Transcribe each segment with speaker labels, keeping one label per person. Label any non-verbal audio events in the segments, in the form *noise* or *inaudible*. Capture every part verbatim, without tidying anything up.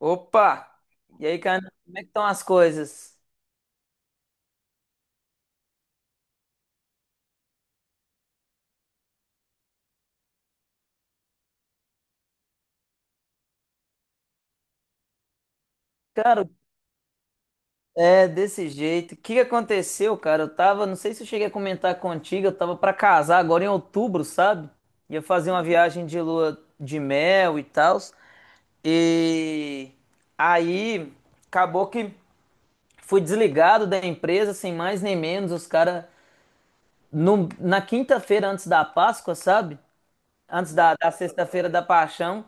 Speaker 1: Opa! E aí, cara, como é que estão as coisas? Cara, é desse jeito. O que que aconteceu, cara? Eu tava, não sei se eu cheguei a comentar contigo, eu tava pra casar agora em outubro, sabe? Ia fazer uma viagem de lua de mel e tal. E aí acabou que fui desligado da empresa, sem mais nem menos. Os caras, na quinta-feira antes da Páscoa, sabe? Antes da, da sexta-feira da Paixão,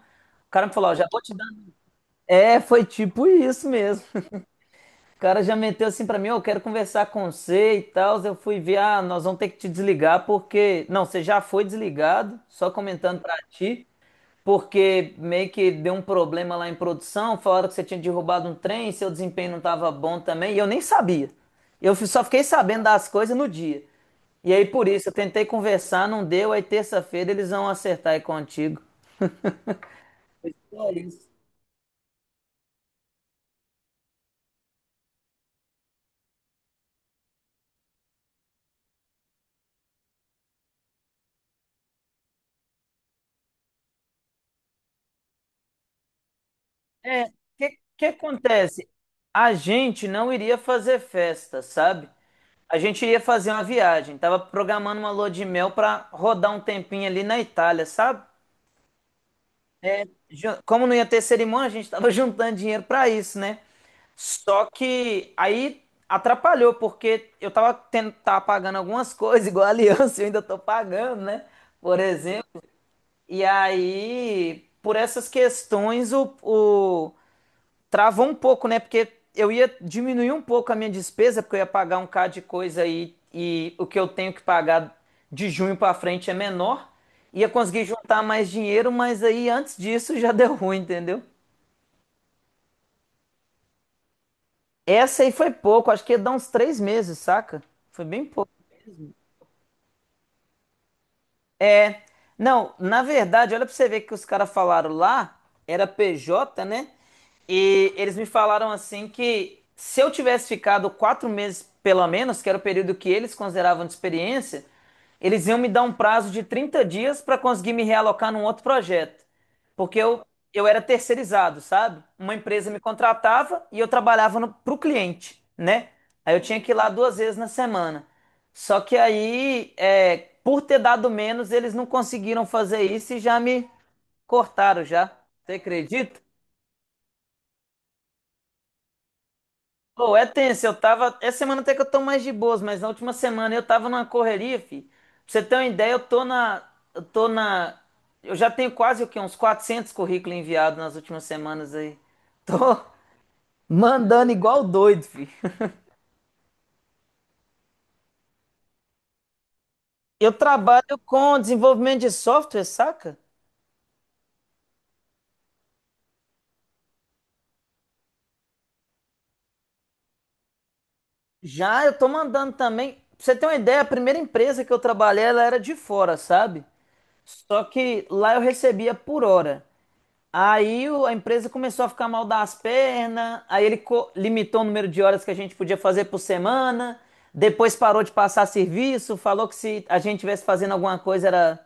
Speaker 1: o cara me falou: ó, já vou te dar. É, foi tipo isso mesmo. O cara já meteu assim pra mim, ó, eu quero conversar com você e tal. Eu fui ver, ah, nós vamos ter que te desligar porque. Não, você já foi desligado, só comentando pra ti, porque meio que deu um problema lá em produção. Falaram que você tinha derrubado um trem, seu desempenho não tava bom também, e eu nem sabia. Eu fi- só fiquei sabendo das coisas no dia. E aí por isso, eu tentei conversar, não deu. Aí terça-feira eles vão acertar aí contigo. Só isso. É, o que, que acontece? A gente não iria fazer festa, sabe? A gente ia fazer uma viagem, tava programando uma lua de mel pra rodar um tempinho ali na Itália, sabe? É, ju- como não ia ter cerimônia, a gente tava *laughs* juntando dinheiro pra isso, né? Só que aí atrapalhou, porque eu tava tendo, tava pagando algumas coisas, *laughs* igual a aliança, *laughs* eu ainda tô pagando, né? Por exemplo. E aí, por essas questões, o, o, travou um pouco, né? Porque eu ia diminuir um pouco a minha despesa, porque eu ia pagar um K de coisa aí e o que eu tenho que pagar de junho para frente é menor. Ia conseguir juntar mais dinheiro, mas aí antes disso *laughs* já deu ruim, entendeu? Essa aí foi pouco, acho que ia dar uns três meses, saca? Foi bem pouco. Não, na verdade, olha pra você ver que os caras falaram lá, era P J, né? E eles me falaram assim que se eu tivesse ficado quatro meses, pelo menos, que era o período que eles consideravam de experiência, eles iam me dar um prazo de trinta dias para conseguir me realocar num outro projeto. Porque eu, eu era terceirizado, sabe? Uma empresa me contratava e eu trabalhava no, pro cliente, né? Aí eu tinha que ir lá duas vezes na semana. Só que aí, é, por ter dado menos, eles não conseguiram fazer isso e já me cortaram já. Você acredita? Pô, é tenso, eu tava. Essa semana até que eu tô mais de boas, mas na última semana eu tava numa correria, fi. Pra você ter uma ideia, eu tô na. Eu tô na. Eu já tenho quase o quê? Uns quatrocentos currículos enviados nas últimas semanas aí. Tô *laughs* mandando igual doido, fi. Eu trabalho com desenvolvimento de software, saca? Já eu tô mandando também. Pra você ter uma ideia, a primeira empresa que eu trabalhei, ela era de fora, sabe? Só que lá eu recebia por hora. Aí o- a empresa começou a ficar mal das pernas, aí ele co- limitou o número de horas que a gente podia fazer por semana, depois parou de passar serviço, falou que se a gente tivesse fazendo alguma coisa era,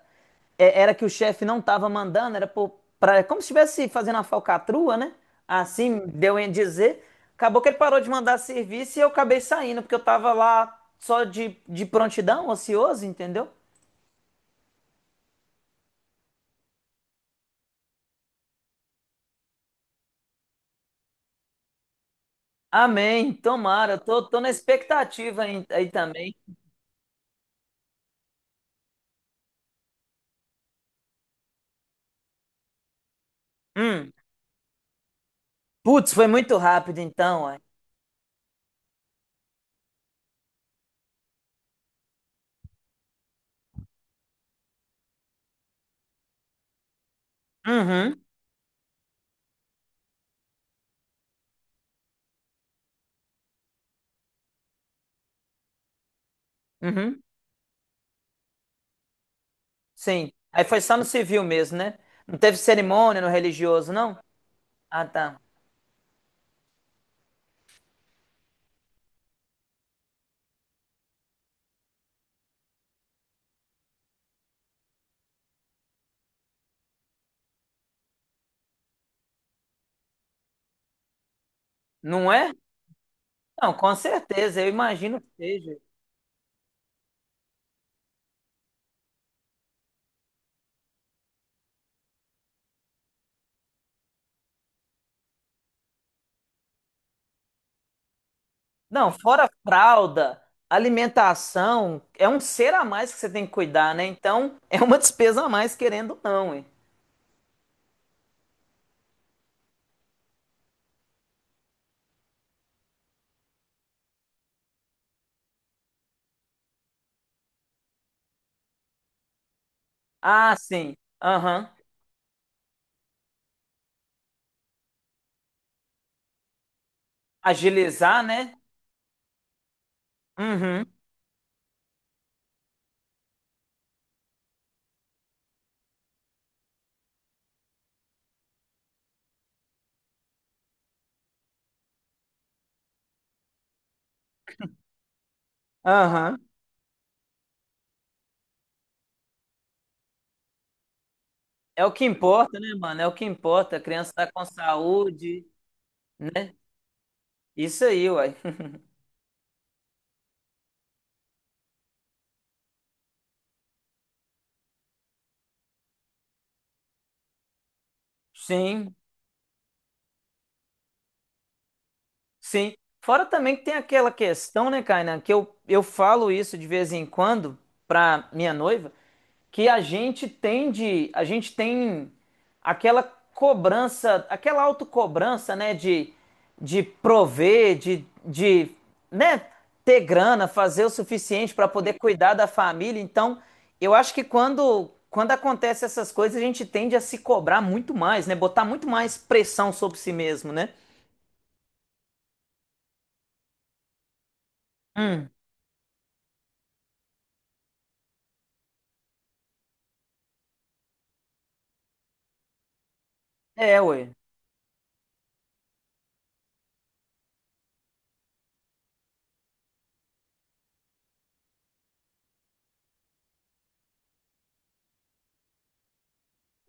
Speaker 1: é- era que o chefe não estava mandando, era por, pra, é como se estivesse fazendo uma falcatrua, né? Assim deu em dizer. Acabou que ele parou de mandar serviço e eu acabei saindo, porque eu tava lá só de, de prontidão, ocioso, entendeu? Amém, tomara, tô, tô na expectativa aí, aí também. Hum. Putz, foi muito rápido então, ué. Uhum, uhum, sim. Aí foi só no civil mesmo, né? Não teve cerimônia no religioso, não? Ah, tá. Não é? Não, com certeza, eu imagino que seja. Não, fora fralda, alimentação, é um ser a mais que você tem que cuidar, né? Então, *laughs* é uma despesa a mais, querendo ou não, hein? Ah, sim. Aham. Agilizar, né? Uhum. Aham. É o que importa, né, mano? É o que importa. A criança tá com saúde, né? Isso aí, uai. Sim, sim. Fora também que tem aquela questão, né, Kainan, que eu, eu falo isso de vez em quando pra minha noiva, que a gente tende, a gente tem aquela cobrança, aquela autocobrança, né, de, de prover, de, de, né, ter grana, fazer o suficiente para poder cuidar da família. Então, eu acho que quando, quando acontece essas coisas, a gente tende a se cobrar muito mais, né, botar muito mais pressão sobre si mesmo, né? Hum. É, ué.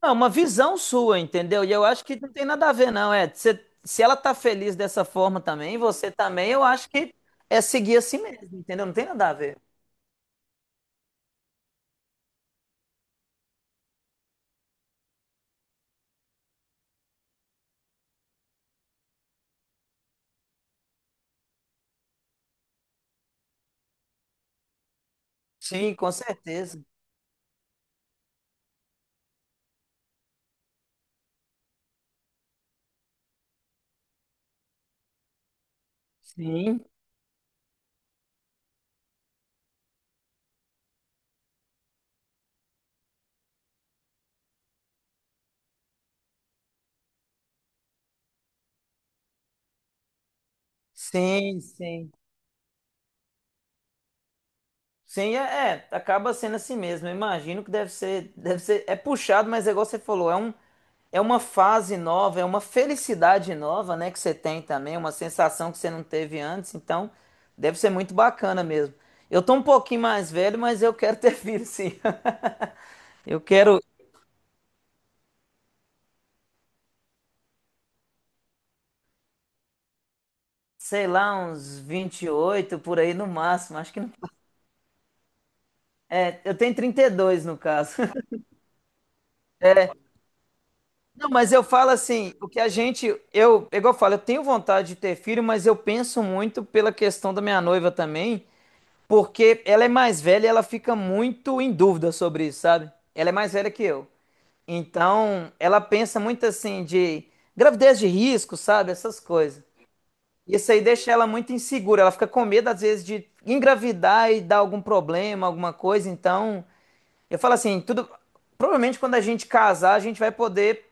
Speaker 1: Não, uma visão sua, entendeu? E eu acho que não tem nada a ver, não. É, se, se ela tá feliz dessa forma também, você também, eu acho que é seguir assim mesmo, entendeu? Não tem nada a ver. Sim, com certeza. Sim, sim, sim. Sim, é, é, acaba sendo assim mesmo. Eu imagino que deve ser, deve ser, é puxado, mas é igual você falou, é um, é uma fase nova, é uma felicidade nova, né, que você tem também, uma sensação que você não teve antes, então deve ser muito bacana mesmo. Eu tô um pouquinho mais velho, mas eu quero ter filho, sim. *laughs* Eu quero, sei lá, uns vinte e oito por aí no máximo, acho que não. É, eu tenho trinta e dois no caso. *laughs* Não, mas eu falo assim, o que a gente, eu, igual eu falo, eu tenho vontade de ter filho, mas eu penso muito pela questão da minha noiva também, porque ela é mais velha e ela fica muito em dúvida sobre isso, sabe? Ela é mais velha que eu. Então, ela pensa muito assim de gravidez de risco, sabe? Essas coisas. Isso aí deixa ela muito insegura, ela fica com medo às vezes de engravidar e dar algum problema, alguma coisa. Então, eu falo assim, tudo, provavelmente quando a gente casar, a gente vai poder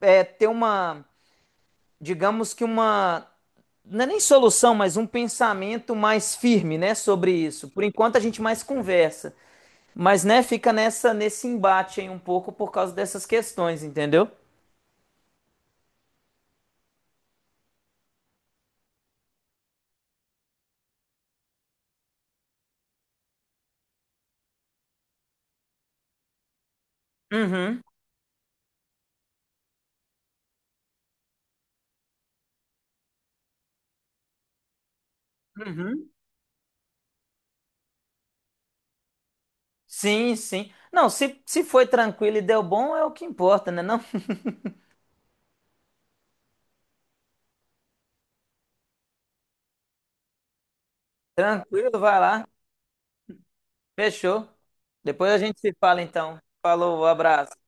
Speaker 1: é, ter uma digamos que uma, não é nem solução, mas um pensamento mais firme, né, sobre isso. Por enquanto a gente mais conversa, mas né, fica nessa nesse embate aí um pouco por causa dessas questões, entendeu? Uhum, uhum. Sim, sim. Não, se, se foi tranquilo e deu bom, é o que importa, né? Não, *laughs* tranquilo, vai lá. Fechou. Depois a gente se fala então. Falou, abraço.